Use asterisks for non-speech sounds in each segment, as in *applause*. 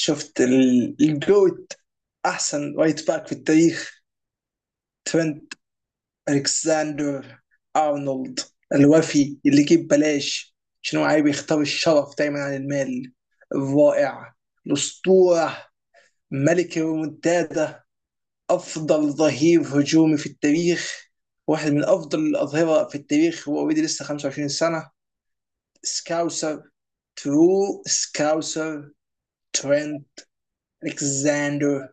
شفت ال- الجوت احسن رايت باك في التاريخ. ترنت الكساندر ارنولد، الوفي اللي يجيب بلاش عشان هو عايز يختار الشرف دايما عن المال، الرائع، الاسطوره، ملك الريمونتادا، افضل ظهير هجومي في التاريخ. واحد من افضل الاظهره في التاريخ، هو اوريدي لسه 25 سنه. سكاوسر، ترو سكاوسر. ترنت الكساندر.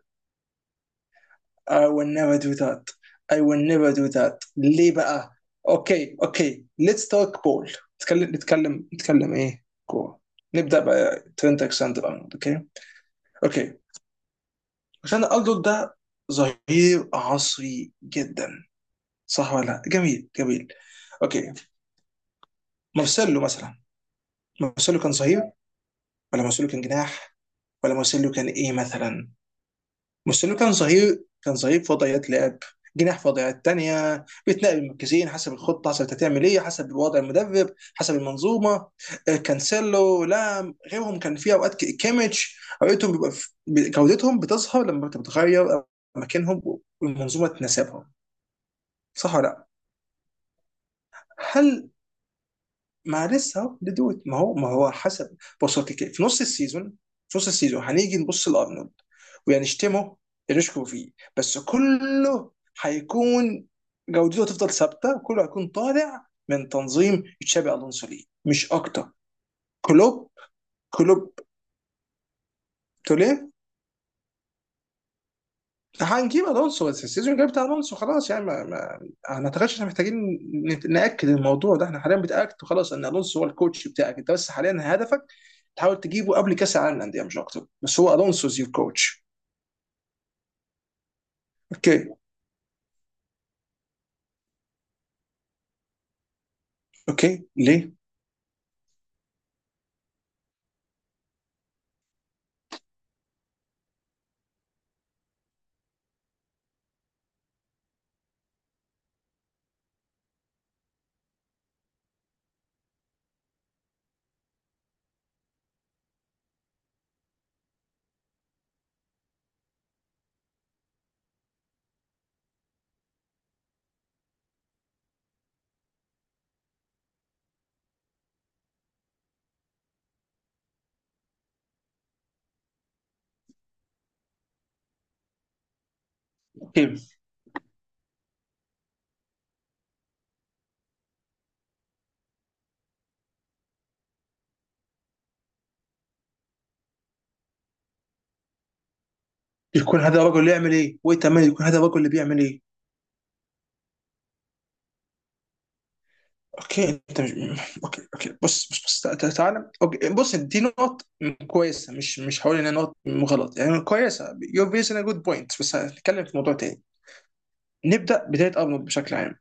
I will never do that. I will never do that ليه بقى؟ اوكي اوكي، let's talk ball. نتكلم نتكلم نتكلم ايه؟ كورة. نبدأ بقى ترينت الكسندر ارنولد. اوكي. اوكي. الكسندر ارنولد ده ظهير عصري جدا، صح ولا لا؟ جميل جميل. اوكي. مارسيلو مثلا، مارسيلو كان ظهير ولا مارسيلو كان جناح ولا مارسيلو كان ايه مثلا؟ مارسيلو كان صغير، كان صغير في وضعيات لعب جناح، في وضعيات تانية بيتنقل من مركزين حسب الخطة، حسب انت هتعمل ايه، حسب وضع المدرب، حسب المنظومة. كانسيلو، لام، غيرهم، كان في اوقات كيميتش، اوقاتهم بيبقى جودتهم بتظهر لما بتتغير مكانهم والمنظومة تناسبهم، صح ولا لا؟ هل ما لسه اهو لدود، ما هو حسب. بص هو في نص السيزون، في نص السيزون هنيجي نبص لارنولد وهنشتمه، نشكو فيه، بس كله هيكون، جودته تفضل ثابته، كله هيكون طالع من تنظيم تشابي الونسو، ليه مش اكتر. كلوب كلوب توليه. هنجيب الونسو، بس السيزون الجاي بتاع الونسو خلاص، يعني ما ما اعتقدش احنا محتاجين ناكد الموضوع ده، احنا حاليا بتاكد خلاص ان الونسو هو الكوتش بتاعك انت، بس حاليا هدفك تحاول تجيبه قبل كاس العالم للانديه، مش اكتر. بس هو الونسو از يور كوتش. اوكي. اوكي ليه؟ اوكي. يكون هذا الرجل اللي يعمل ايه؟ وانت عمال يكون هذا الرجل اللي بيعمل ايه؟ اوكي انت مش... اوكي اوكي، بص بص بص، تعالى. اوكي بص، دي نقط كويسه، مش هقول انها نقط غلط، يعني كويسه، يور فيز ان جود بوينت، بس هنتكلم في موضوع تاني. نبدا بدايه ارنولد بشكل عام.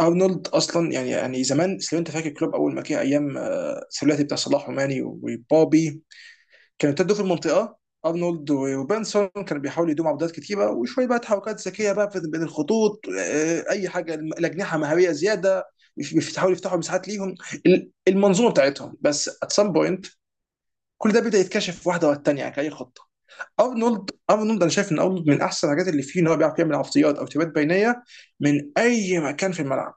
ارنولد اصلا، يعني زمان لو انت فاكر كلوب اول ما جه، ايام الثلاثي بتاع صلاح وماني وبوبي، كانوا ابتدوا في المنطقه، ارنولد وبنسون كانوا بيحاولوا يدوموا عبودات كتيره، وشويه بقى تحركات ذكيه بقى بين الخطوط، اي حاجه. الاجنحه مهاريه زياده، بيحاولوا يفتحوا مساحات ليهم. المنظومه بتاعتهم، بس ات سام بوينت كل ده بدا يتكشف واحده ورا الثانيه، كاي خطه. ارنولد، انا شايف ان ارنولد من احسن الحاجات اللي فيه ان هو بيعرف يعمل عرضيات او تبات بينيه من اي مكان في الملعب.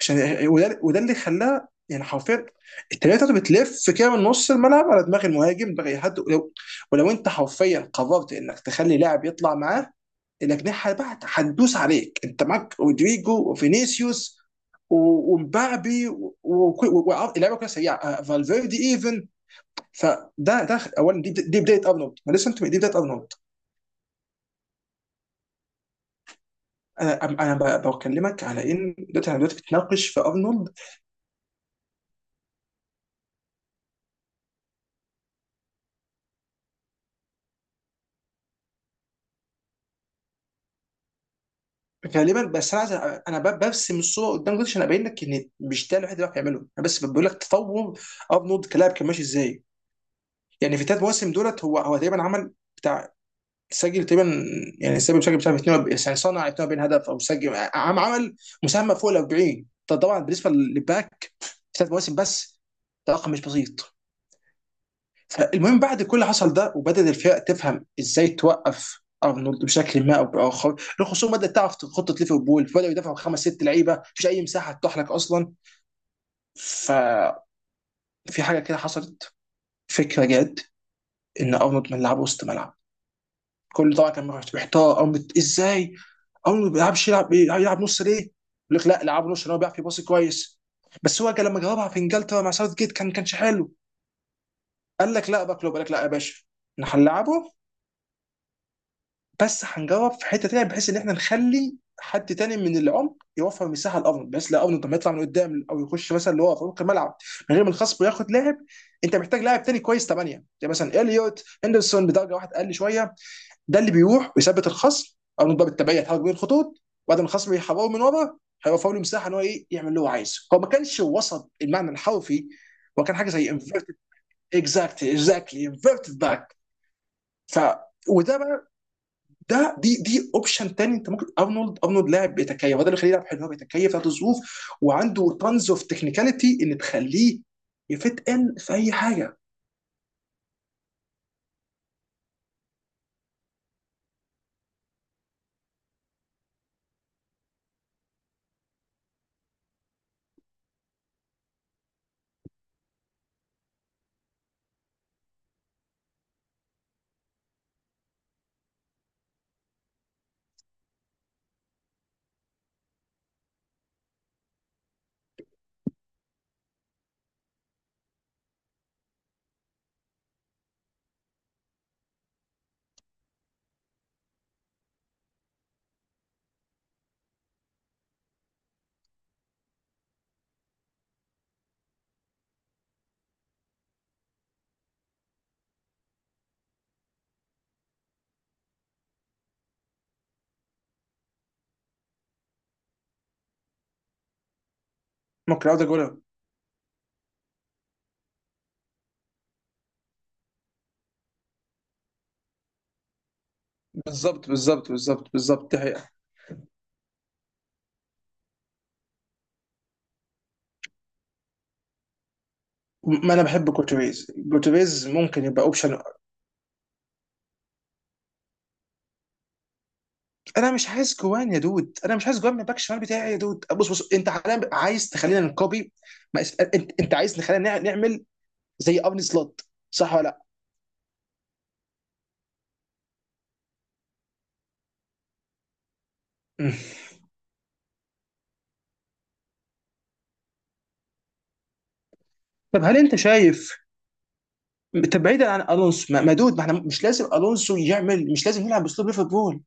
عشان وده اللي خلاه يعني حرفيا التمريره بتاعته بتلف كده من نص الملعب على دماغ المهاجم، دماغ أي حد، ولو انت حرفيا قررت انك تخلي لاعب يطلع معاه، الاجنحه بقى هتدوس عليك. انت معاك رودريجو وفينيسيوس ومبابي اللعيبه كلها سريعه، فالفيردي ايفن. فده، ده اولا. دي بدايه ارنولد، ما لسه انت، دي بدايه ارنولد. انا بكلمك على ان دلوقتي، انا دلوقتي بتناقش في ارنولد. غالبا، بس انا عايز انا برسم الصوره قدام جدتي عشان ابين لك ان مش ده الوحيد اللي بيعرف يعمله، انا بس بقول لك تطور ارنولد كلاعب كان ماشي ازاي. يعني في ثلاث مواسم دولت، هو تقريبا عمل بتاع، سجل تقريبا، يعني سجل بتاع 42، يعني صنع 42 هدف او سجل، عم عمل مساهمه فوق ال 40، ده طبعا بالنسبه للباك في ثلاث مواسم بس. ده رقم مش بسيط. فالمهم بعد كل اللي حصل ده، وبدأت الفرق تفهم ازاي توقف ارنولد بشكل ما او باخر، الخصوم بدأت تعرف خطة ليفربول، بدأوا يدافعوا خمس ست لعيبة، مفيش اي مساحة تتاح لك اصلا. ففي حاجة كده حصلت، فكرة جت ان ارنولد ما يلعب وسط ملعب. كل، طبعا كان محتار ارنولد ازاي، ارنولد ما بيلعبش، يلعب نص ليه؟ يقول لك لا، لعب نص عشان هو بيعرف يباصي كويس، بس هو كان لما جربها في انجلترا مع ساوث جيت كان كانش حلو. قال لك لا باكلوب، قال لك لا يا باشا احنا هنلعبه، بس هنجرب في حته تانيه، بحيث ان احنا نخلي حد تاني من العمق يوفر مساحه لارنولد، بحيث لا ارنولد لما يطلع من قدام او يخش مثلا اللي هو في عمق الملعب، من غير ما الخصم وياخد لاعب، انت محتاج لاعب تاني كويس، ثمانيه زي مثلا اليوت هندرسون بدرجه، واحد اقل شويه، ده اللي بيروح ويثبت الخصم، ارنولد بقى بالتبعيه يتحرك بين الخطوط بعد ما الخصم يحرره من ورا، هيوفر له مساحه ان هو ايه، يعمل اللي هو عايزه. هو ما كانش وسط المعنى الحرفي، وكان حاجه زي انفيرتد. اكزاكتلي، انفيرتد باك. ف، وده بقى، ده دي اوبشن تاني. انت ممكن ارنولد، ارنولد لاعب بيتكيف، هذا اللي يخليه لاعب حلو، هو بيتكيف ذات الظروف، وعنده تانز اوف تكنيكاليتي اللي تخليه يفت ان في اي حاجه. ممكن اقعد اقولها. بالظبط، دي حقيقة. ما انا بحب جوتيريز، جوتيريز ممكن يبقى اوبشن. انا مش عايز جوان يا دود، انا مش عايز جوان من الباك الشمال بتاعي يا دود. بص بص، انت حاليا عايز تخلينا نكوبي. ما اس- انت، انت عايز نخلينا نعمل زي ارن سلوت، صح ولا لا؟ مم. طب هل انت شايف، طب بعيدا عن الونسو، ما دود، ما احنا مش لازم الونسو يعمل، مش لازم يلعب باسلوب ليفربول.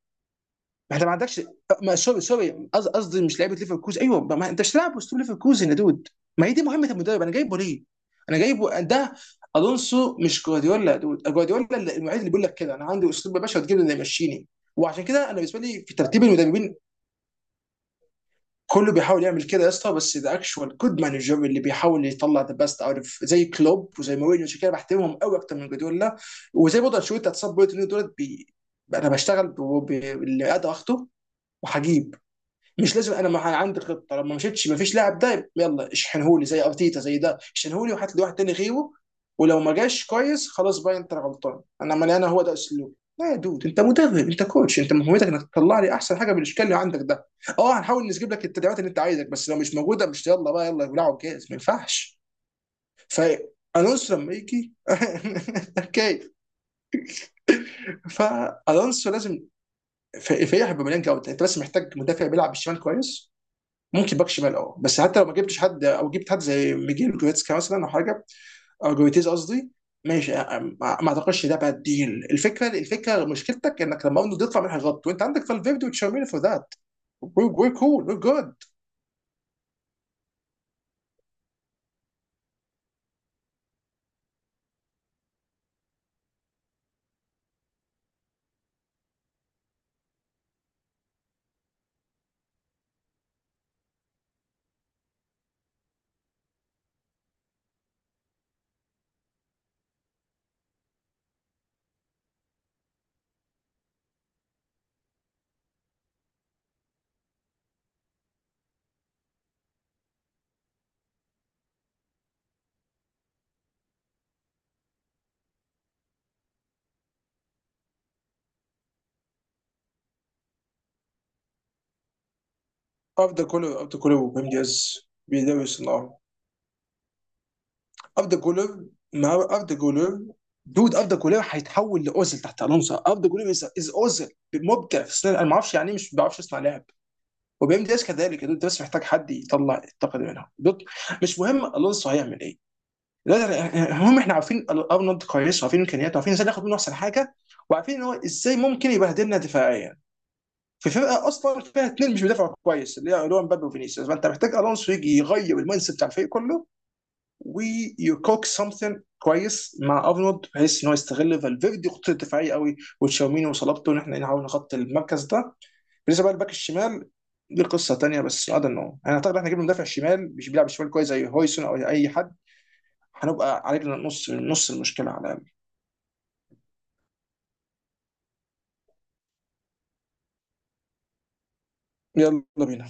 ما انت ما عندكش، ما سوري سوري، قصدي مش لعيبه ليفركوزن، ايوه، ما انت مش هتلعب باسلوب ليفركوزن يا دود. ما هي دي مهمه المدرب، انا جايبه ليه؟ انا جايبه ده. الونسو مش جوارديولا يا دود. جوارديولا المعيد اللي بيقول لك كده، انا عندي اسلوب يا باشا وتجيب لي اللي يمشيني. وعشان كده انا بالنسبه لي في ترتيب المدربين، كله بيحاول يعمل كده يا اسطى، بس ذا اكشوال جود مانجر اللي بيحاول يطلع ذا بيست اوت اوف، زي كلوب وزي مورينيو، عشان كده بحترمهم قوي اكتر من جوارديولا. وزي برضه انشيلوتي، هتصاب بوينت دولت بي... انا بشتغل باللي قادر اخده وهجيب. مش لازم، انا ما عندي خطه، لما مشيتش ما فيش لاعب ده يلا اشحنهولي زي ارتيتا، زي ده اشحنهولي وهات لي واحد تاني غيره، ولو ما جاش كويس خلاص بقى انت غلطان، انا عمال، انا هو ده اسلوب. لا يا دود، انت مدرب، انت كوتش، انت مهمتك انك تطلع لي احسن حاجه بالاشكال اللي عندك ده. اه هنحاول نجيب لك التدعيمات اللي انت عايزك، بس لو مش موجوده، مش يلا بقى يلا بلعب جاهز، ما ينفعش. ف الونسو لما يجي *laughs* اوكي. فالونسو لازم فيح بمليان جوده، انت بس محتاج مدافع بيلعب بالشمال كويس. ممكن باك شمال، اه، بس حتى لو ما جبتش حد او جبت حد زي ميجيل جويتسكا مثلا او حاجه، او جويتيز قصدي، ماشي. ما ما اعتقدش ده باد ديل. الفكره، الفكره مشكلتك انك لما ارنولد يطلع منها غلط، وانت عندك فالفيردي وتشاوميني فور ذات، وي كول وي جود. اوف ذا كولر، اوف ذا كولر ويم جاز، بيدرس النار. اوف ذا كولر، ما اوف ذا كولر، دود اوف ذا كولر هيتحول لاوزل تحت الونسو، اوف ذا كولر از اوزل، مبدع في السنة. انا ما اعرفش يعني إيه، مش ما بعرفش اصنع لعب، وبيم دي اس كذلك يا دود، انت بس محتاج حد يطلع الطاقه دي منهم دوت. مش مهم الونسو هيعمل ايه دلوقتي، المهم احنا عارفين ارنولد كويس، وعارفين امكانياته، وعارفين ازاي ناخد منه احسن حاجه، وعارفين ان هو ازاي ممكن يبهدلنا دفاعيا، في فرقه اصلا فيها اثنين مش بيدافعوا كويس، اللي هو اللي هو مبابي وفينيسيوس. فانت محتاج الونسو يجي يغير المايند سيت بتاع الفريق كله، ويكوك سمثين كويس مع ارنولد بحيث ان هو يستغل فالفيردي خطته الدفاعيه قوي، وتشاوميني وصلابته ان احنا نحاول نغطي المركز ده. بالنسبه بقى للباك الشمال، دي قصه تانيه، بس هذا انه، انا اعتقد احنا جبنا مدافع شمال مش بيلعب شمال كويس زي هويسون او اي حد، هنبقى علينا نص، نص المشكله على الاقل. يلا بينا.